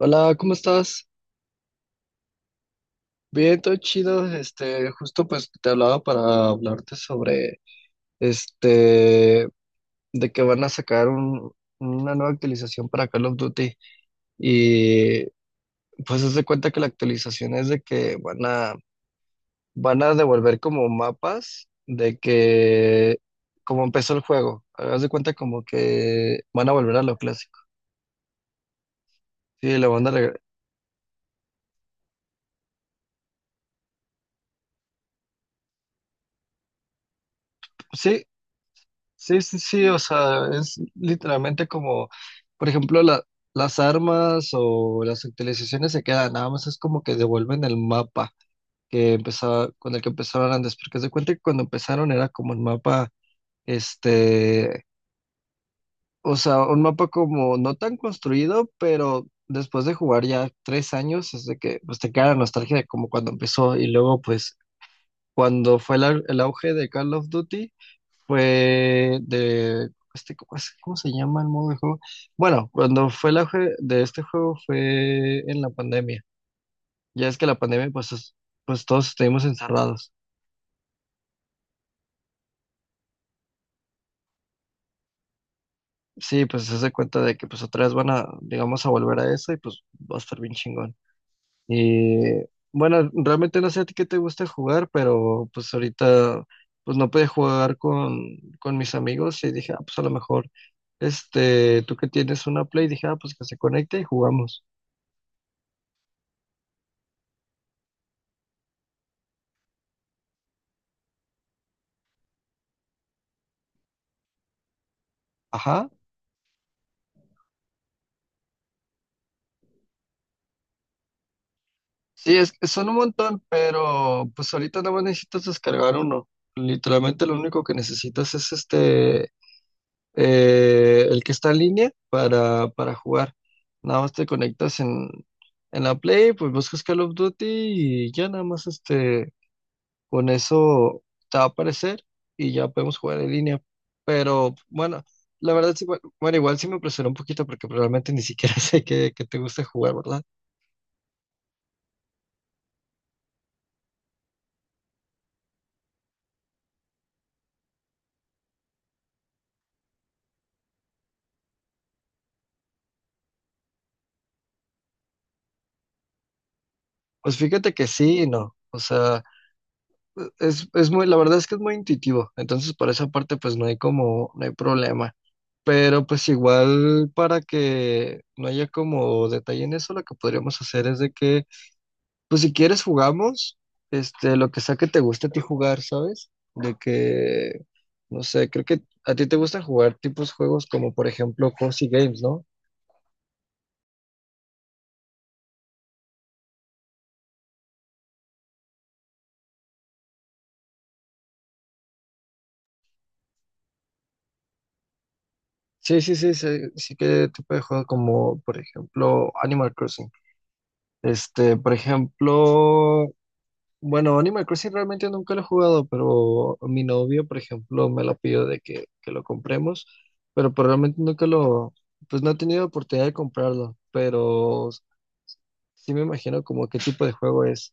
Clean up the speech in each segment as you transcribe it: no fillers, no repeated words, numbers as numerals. Hola, ¿cómo estás? Bien, todo chido. Justo pues te hablaba para hablarte sobre este de que van a sacar una nueva actualización para Call of Duty, y pues haz de cuenta que la actualización es de que van a devolver como mapas de que como empezó el juego. Haz de cuenta como que van a volver a lo clásico. Sí, le van a reg- sí, sí, sí, sí, o sea, es literalmente como, por ejemplo, las armas o las actualizaciones se quedan, nada más es como que devuelven el mapa que empezaba, con el que empezaron antes, porque se cuenta que cuando empezaron era como un mapa, este, o sea, un mapa como no tan construido, pero después de jugar ya 3 años, es de que pues, te queda la nostalgia de como cuando empezó y luego pues cuando fue el auge de Call of Duty, fue de, cómo se llama el modo de juego? Bueno, cuando fue la auge de este juego fue en la pandemia. Ya es que la pandemia, pues, pues todos estuvimos encerrados. Sí, pues se hace cuenta de que pues otra vez van a, digamos, a volver a eso, y pues va a estar bien chingón. Y bueno, realmente no sé a ti qué te gusta jugar, pero pues ahorita pues no pude jugar con mis amigos y dije, ah, pues a lo mejor, tú que tienes una Play, dije, ah, pues que se conecte y jugamos. Ajá. Sí, es que son un montón, pero pues ahorita nada más necesitas descargar uno. Literalmente lo único que necesitas es el que está en línea para jugar. Nada más te conectas en la Play, pues buscas Call of Duty y ya nada más con eso te va a aparecer y ya podemos jugar en línea. Pero bueno, la verdad sí, bueno, bueno, igual sí me impresionó un poquito porque realmente ni siquiera sé que te gusta jugar, ¿verdad? Pues fíjate que sí y no. O sea, es muy, la verdad es que es muy intuitivo. Entonces, por esa parte, pues no hay como, no hay problema. Pero pues igual para que no haya como detalle en eso, lo que podríamos hacer es de que, pues si quieres jugamos, lo que sea que te guste a ti jugar, ¿sabes? De que, no sé, creo que a ti te gusta jugar tipos juegos como por ejemplo Cozy Games, ¿no? Sí, sí, sí, sí, sí, que tipo de juego como por ejemplo Animal Crossing. Este, por ejemplo, bueno, Animal Crossing realmente nunca lo he jugado, pero mi novio, por ejemplo, me lo pidió de que lo compremos, pero, pues, realmente nunca lo, pues no he tenido oportunidad de comprarlo, pero sí me imagino como qué tipo de juego es.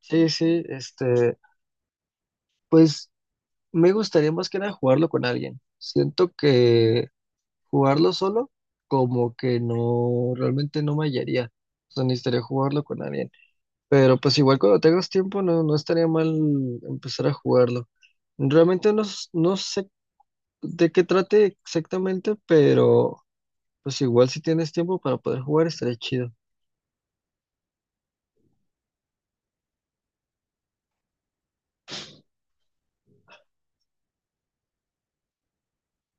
Sí, sí, pues me gustaría más que nada jugarlo con alguien. Siento que jugarlo solo como que no, realmente no me hallaría, o sea, necesitaría jugarlo con alguien. Pero pues igual cuando tengas tiempo no estaría mal empezar a jugarlo. Realmente no, no sé de qué trate exactamente, pero pues igual si tienes tiempo para poder jugar estaría chido.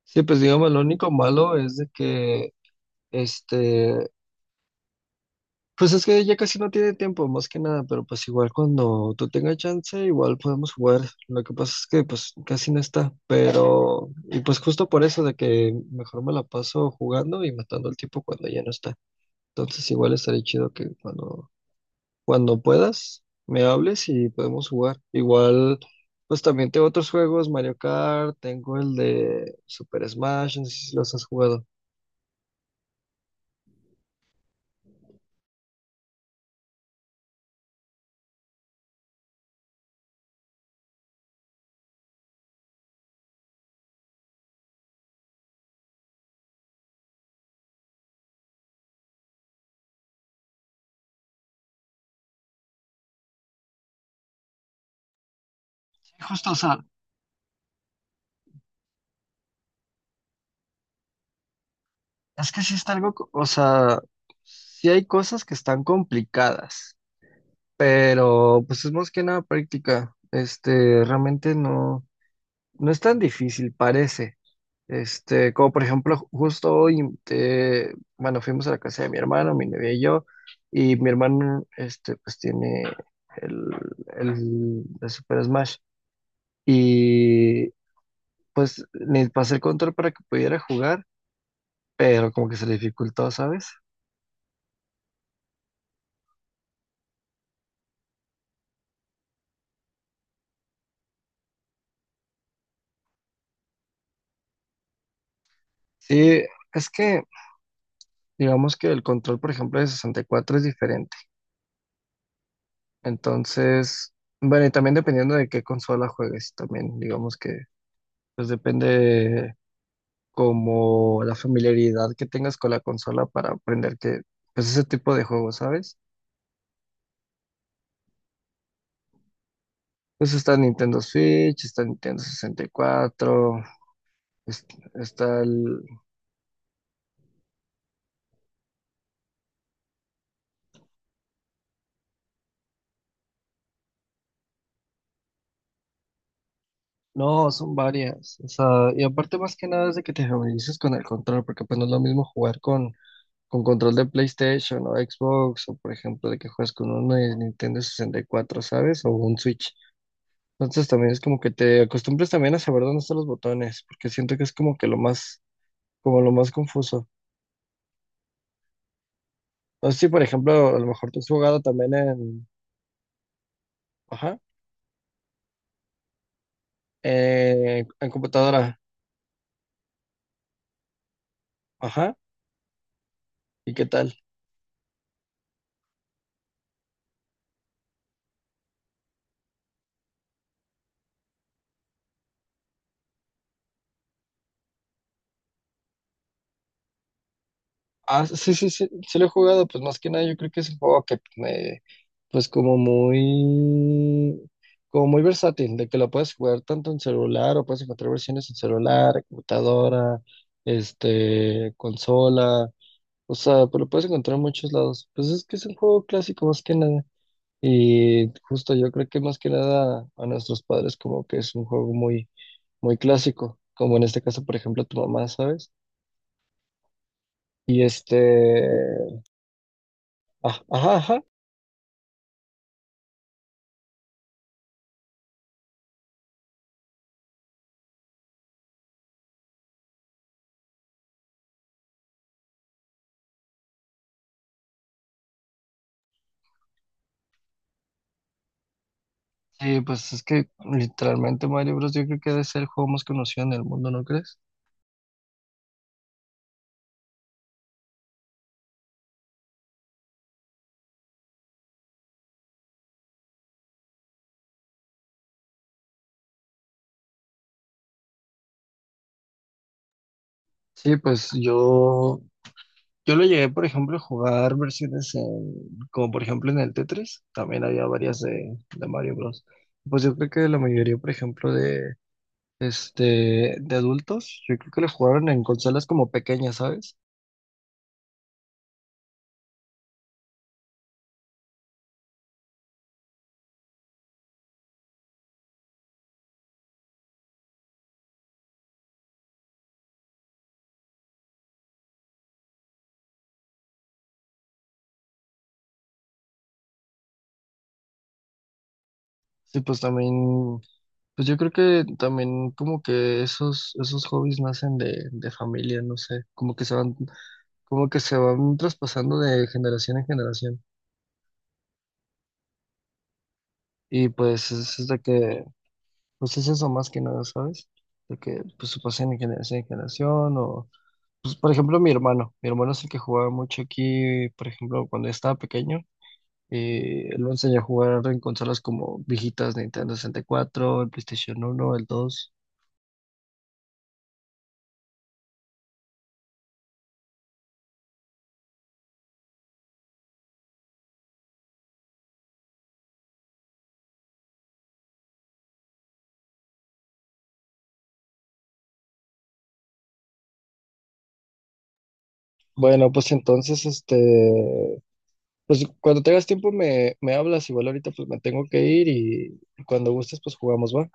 Sí, pues digamos, lo único malo es de que, este, pues es que ya casi no tiene tiempo, más que nada, pero pues igual cuando tú tengas chance, igual podemos jugar. Lo que pasa es que pues casi no está, pero, y pues justo por eso de que mejor me la paso jugando y matando el tiempo cuando ya no está. Entonces igual estaría chido que cuando puedas me hables y podemos jugar. Igual, pues también tengo otros juegos, Mario Kart, tengo el de Super Smash, no sé si los has jugado. Sí, justo, o sea, es que sí está algo, o sea, sí hay cosas que están complicadas, pero pues es más que nada práctica. Realmente no es tan difícil, parece. Como por ejemplo, justo hoy, bueno, fuimos a la casa de mi hermano, mi novia y yo, y mi hermano, pues tiene el, el Super Smash, y pues le pasé el control para que pudiera jugar, pero como que se le dificultó, ¿sabes? Sí, es que, digamos que el control, por ejemplo, de 64 es diferente, entonces, bueno, y también dependiendo de qué consola juegues, también, digamos que, pues depende como la familiaridad que tengas con la consola para aprender que, pues ese tipo de juegos, ¿sabes? Pues está Nintendo Switch, está Nintendo 64, es- está el. No, son varias. O sea, y aparte más que nada es de que te familiarices con el control, porque pues no es lo mismo jugar con control de PlayStation o Xbox, o por ejemplo de que juegas con uno de Nintendo 64, ¿sabes? O un Switch. Entonces también es como que te acostumbres también a saber dónde están los botones, porque siento que es como que lo más como lo más confuso. No sé si, por ejemplo, a lo mejor tú has jugado también en, ajá, en computadora, ajá, ¿y qué tal? Ah, sí, sí, sí, sí lo he jugado, pues más que nada yo creo que es un juego que me, pues como muy versátil, de que lo puedes jugar tanto en celular o puedes encontrar versiones en celular, en computadora, consola, o sea, pues lo puedes encontrar en muchos lados. Pues es que es un juego clásico más que nada. Y justo yo creo que más que nada a nuestros padres como que es un juego muy, muy clásico, como en este caso, por ejemplo, tu mamá, ¿sabes? Y ah, ajá, ajá. Sí, pues es que literalmente Mario Bros. Yo creo que debe ser el juego más conocido en el mundo, ¿no crees? Sí, pues yo, lo llegué, por ejemplo, a jugar versiones en, como por ejemplo en el Tetris, también había varias de Mario Bros. Pues yo creo que la mayoría, por ejemplo, de adultos, yo creo que lo jugaron en consolas como pequeñas, ¿sabes? Sí, pues también, pues yo creo que también como que esos hobbies nacen de familia, no sé, como que se van, traspasando de generación en generación. Y pues es de que, pues es eso más que nada, ¿sabes? De que pues se pasen de generación en generación o, pues por ejemplo mi hermano, es el que jugaba mucho aquí, por ejemplo, cuando yo estaba pequeño. Lo enseñé a jugar en consolas como viejitas, Nintendo 64, el PlayStation 1, el 2. Bueno, pues entonces, pues cuando tengas tiempo me hablas, igual ahorita pues me tengo que ir y cuando gustes pues jugamos, ¿va?